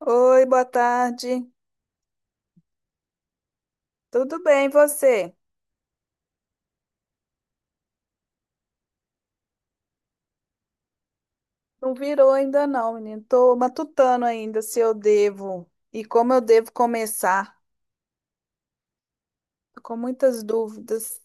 Oi, boa tarde. Tudo bem, e você? Não virou ainda não, menino. Tô matutando ainda se eu devo e como eu devo começar. Tô com muitas dúvidas.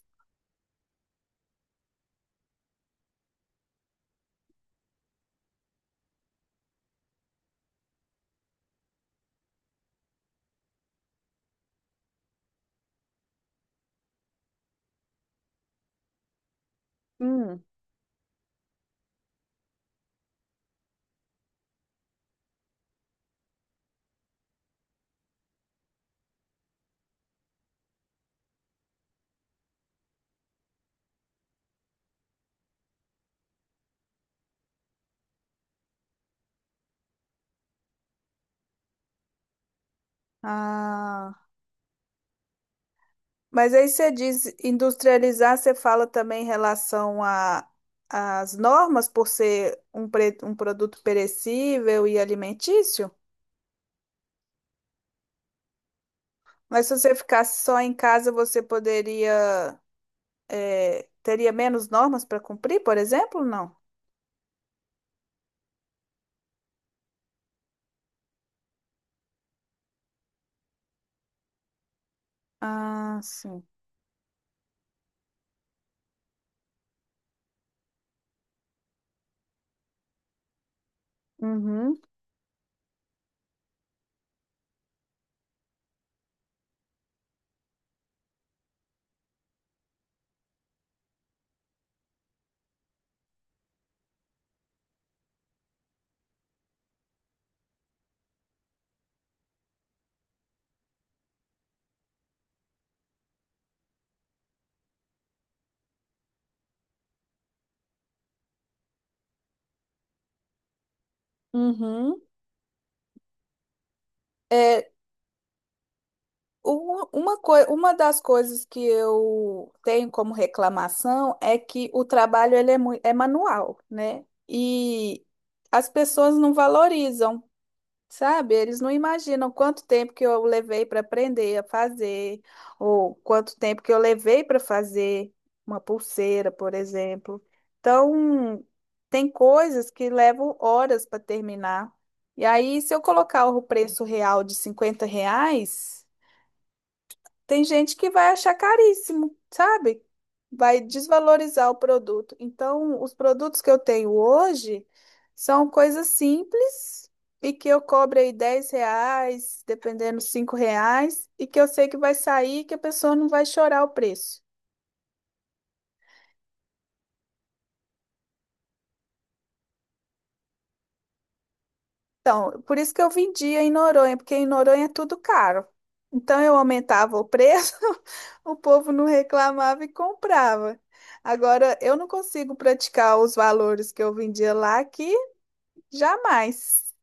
Hum. Ah, mas aí você diz industrializar, você fala também em relação a às normas por ser um produto perecível e alimentício? Mas se você ficasse só em casa, teria menos normas para cumprir, por exemplo? Não. Ah, sim. Uhum, uhum. É, uma das coisas que eu tenho como reclamação é que o trabalho é manual, né? E as pessoas não valorizam. Sabe, eles não imaginam quanto tempo que eu levei para aprender a fazer, ou quanto tempo que eu levei para fazer uma pulseira, por exemplo. Então, tem coisas que levam horas para terminar. E aí, se eu colocar o preço real de R$ 50, tem gente que vai achar caríssimo, sabe? Vai desvalorizar o produto. Então, os produtos que eu tenho hoje são coisas simples e que eu cobro aí R$ 10, dependendo, R$ 5, e que eu sei que vai sair e que a pessoa não vai chorar o preço. Então, por isso que eu vendia em Noronha, porque em Noronha é tudo caro. Então eu aumentava o preço, o povo não reclamava e comprava. Agora eu não consigo praticar os valores que eu vendia lá aqui, jamais.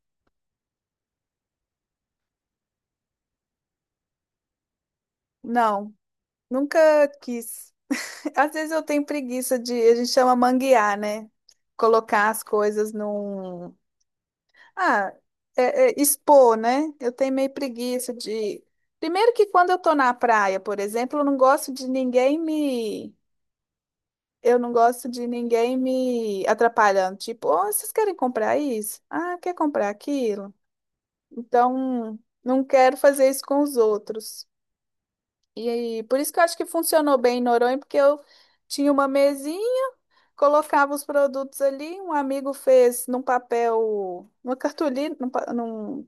Não, nunca quis. Às vezes eu tenho preguiça de, a gente chama manguear, né? Colocar as coisas num... Ah, é expor, né? Eu tenho meio preguiça de. Primeiro que quando eu tô na praia, por exemplo, eu não gosto de ninguém me. Eu não gosto de ninguém me atrapalhando. Tipo, oh, vocês querem comprar isso? Ah, quer comprar aquilo? Então, não quero fazer isso com os outros. E aí, por isso que eu acho que funcionou bem em Noronha, porque eu tinha uma mesinha, colocava os produtos ali, um amigo fez num papel, numa cartolina,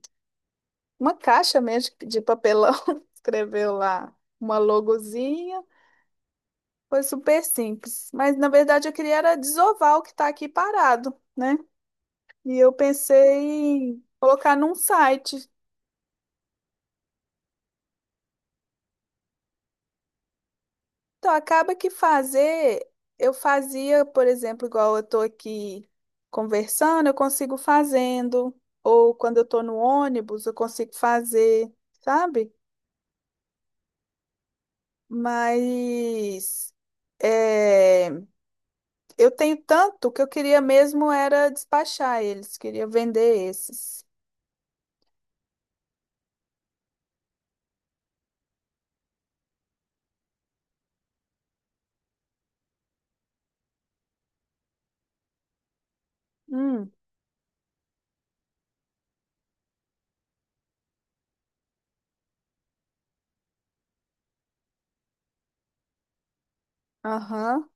uma caixa mesmo de papelão, escreveu lá uma logozinha. Foi super simples. Mas na verdade eu queria era desovar o que está aqui parado, né? E eu pensei em colocar num site. Então acaba que fazer, eu fazia, por exemplo, igual eu estou aqui conversando, eu consigo fazendo. Ou quando eu estou no ônibus, eu consigo fazer, sabe? Mas... É... Eu tenho tanto que eu queria mesmo era despachar eles, queria vender esses. Hum, aham.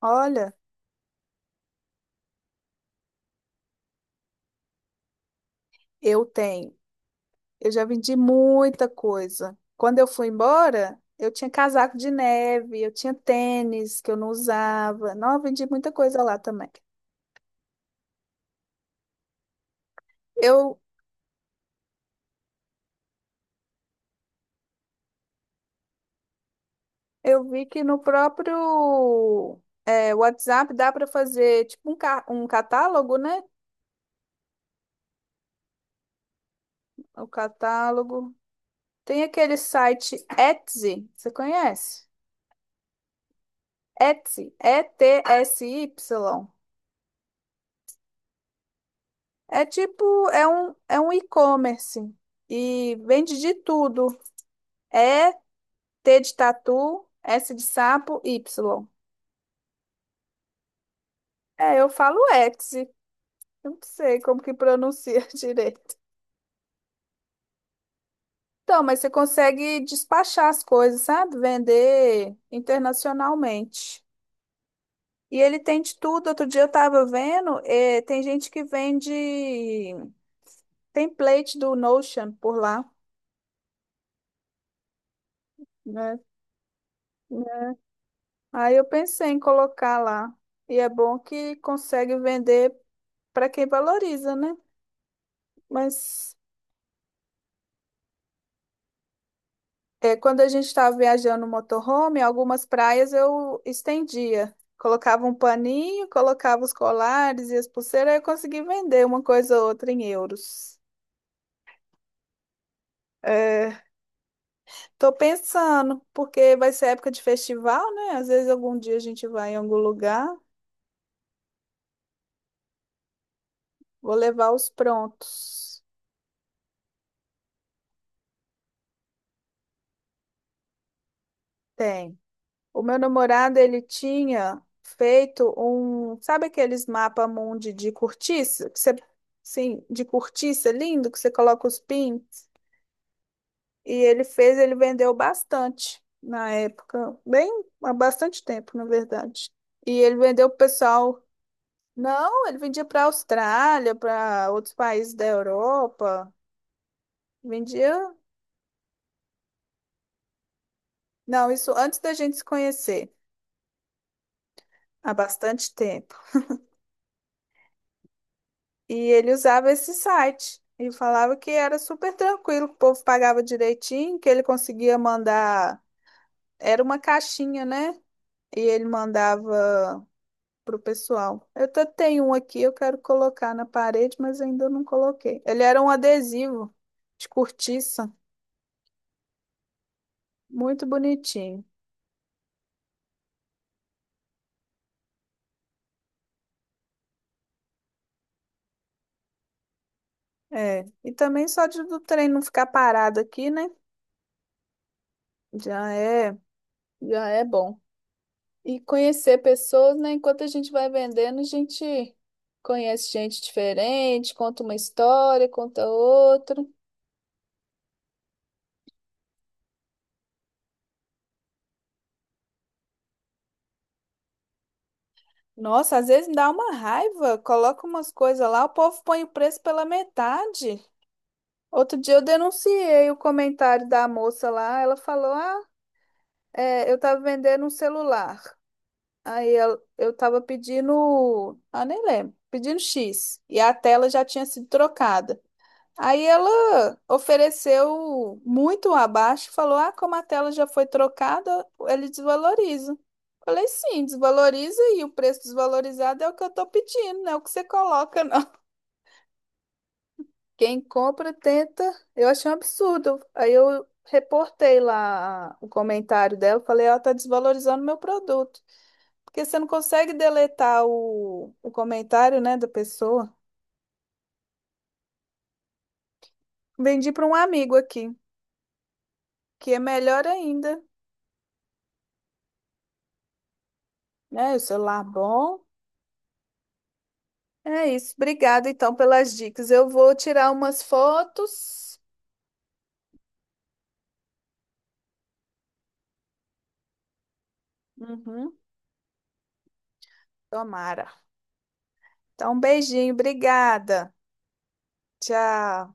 Olha, eu tenho. Eu já vendi muita coisa. Quando eu fui embora, eu tinha casaco de neve, eu tinha tênis que eu não usava. Não, eu vendi muita coisa lá também. Eu, eu vi que no próprio WhatsApp dá para fazer tipo um catálogo, né? O catálogo. Tem aquele site Etsy, você conhece? Etsy, Etsy. É tipo, é um e-commerce e vende de tudo. É T de tatu, S de sapo, Y. É, eu falo Etsy. Eu não sei como que pronuncia direito. Então, mas você consegue despachar as coisas, sabe? Vender internacionalmente. E ele tem de tudo. Outro dia eu estava vendo, tem gente que vende template do Notion por lá, né? Aí eu pensei em colocar lá. E é bom que consegue vender para quem valoriza, né? Mas é, quando a gente estava viajando no motorhome, algumas praias eu estendia. Colocava um paninho, colocava os colares e as pulseiras, aí eu consegui vender uma coisa ou outra em euros. É, tô pensando, porque vai ser época de festival, né? Às vezes algum dia a gente vai em algum lugar, vou levar os prontos. Tem. O meu namorado, ele tinha feito um, sabe aqueles mapa mundi de cortiça, que você, sim, de cortiça lindo que você coloca os pins, e ele fez, ele vendeu bastante na época, bem, há bastante tempo, na verdade. E ele vendeu pro pessoal, não, ele vendia para a Austrália, para outros países da Europa, vendia, não, isso antes da gente se conhecer, há bastante tempo. E ele usava esse site e falava que era super tranquilo, que o povo pagava direitinho, que ele conseguia mandar. Era uma caixinha, né? E ele mandava pro pessoal. Eu até tenho um aqui, eu quero colocar na parede, mas ainda não coloquei. Ele era um adesivo de cortiça, muito bonitinho. É, e também só de, do trem não ficar parado aqui, né? Já é, já é bom. E conhecer pessoas, né? Enquanto a gente vai vendendo, a gente conhece gente diferente, conta uma história, conta outra. Nossa, às vezes me dá uma raiva. Coloca umas coisas lá, o povo põe o preço pela metade. Outro dia eu denunciei o comentário da moça lá. Ela falou: Ah, é, eu tava vendendo um celular. Eu tava pedindo. Ah, nem lembro. Pedindo X. E a tela já tinha sido trocada. Aí ela ofereceu muito abaixo, e falou: Ah, como a tela já foi trocada, ele desvaloriza. Falei: Sim, desvaloriza e o preço desvalorizado é o que eu tô pedindo, não é o que você coloca, não. Quem compra tenta. Eu achei um absurdo. Aí eu reportei lá o comentário dela, falei: Ela tá desvalorizando meu produto. Porque você não consegue deletar o comentário, né, da pessoa. Vendi para um amigo aqui, que é melhor ainda, né? O celular bom. É isso. Obrigada, então, pelas dicas. Eu vou tirar umas fotos. Uhum. Tomara. Então, um beijinho. Obrigada. Tchau.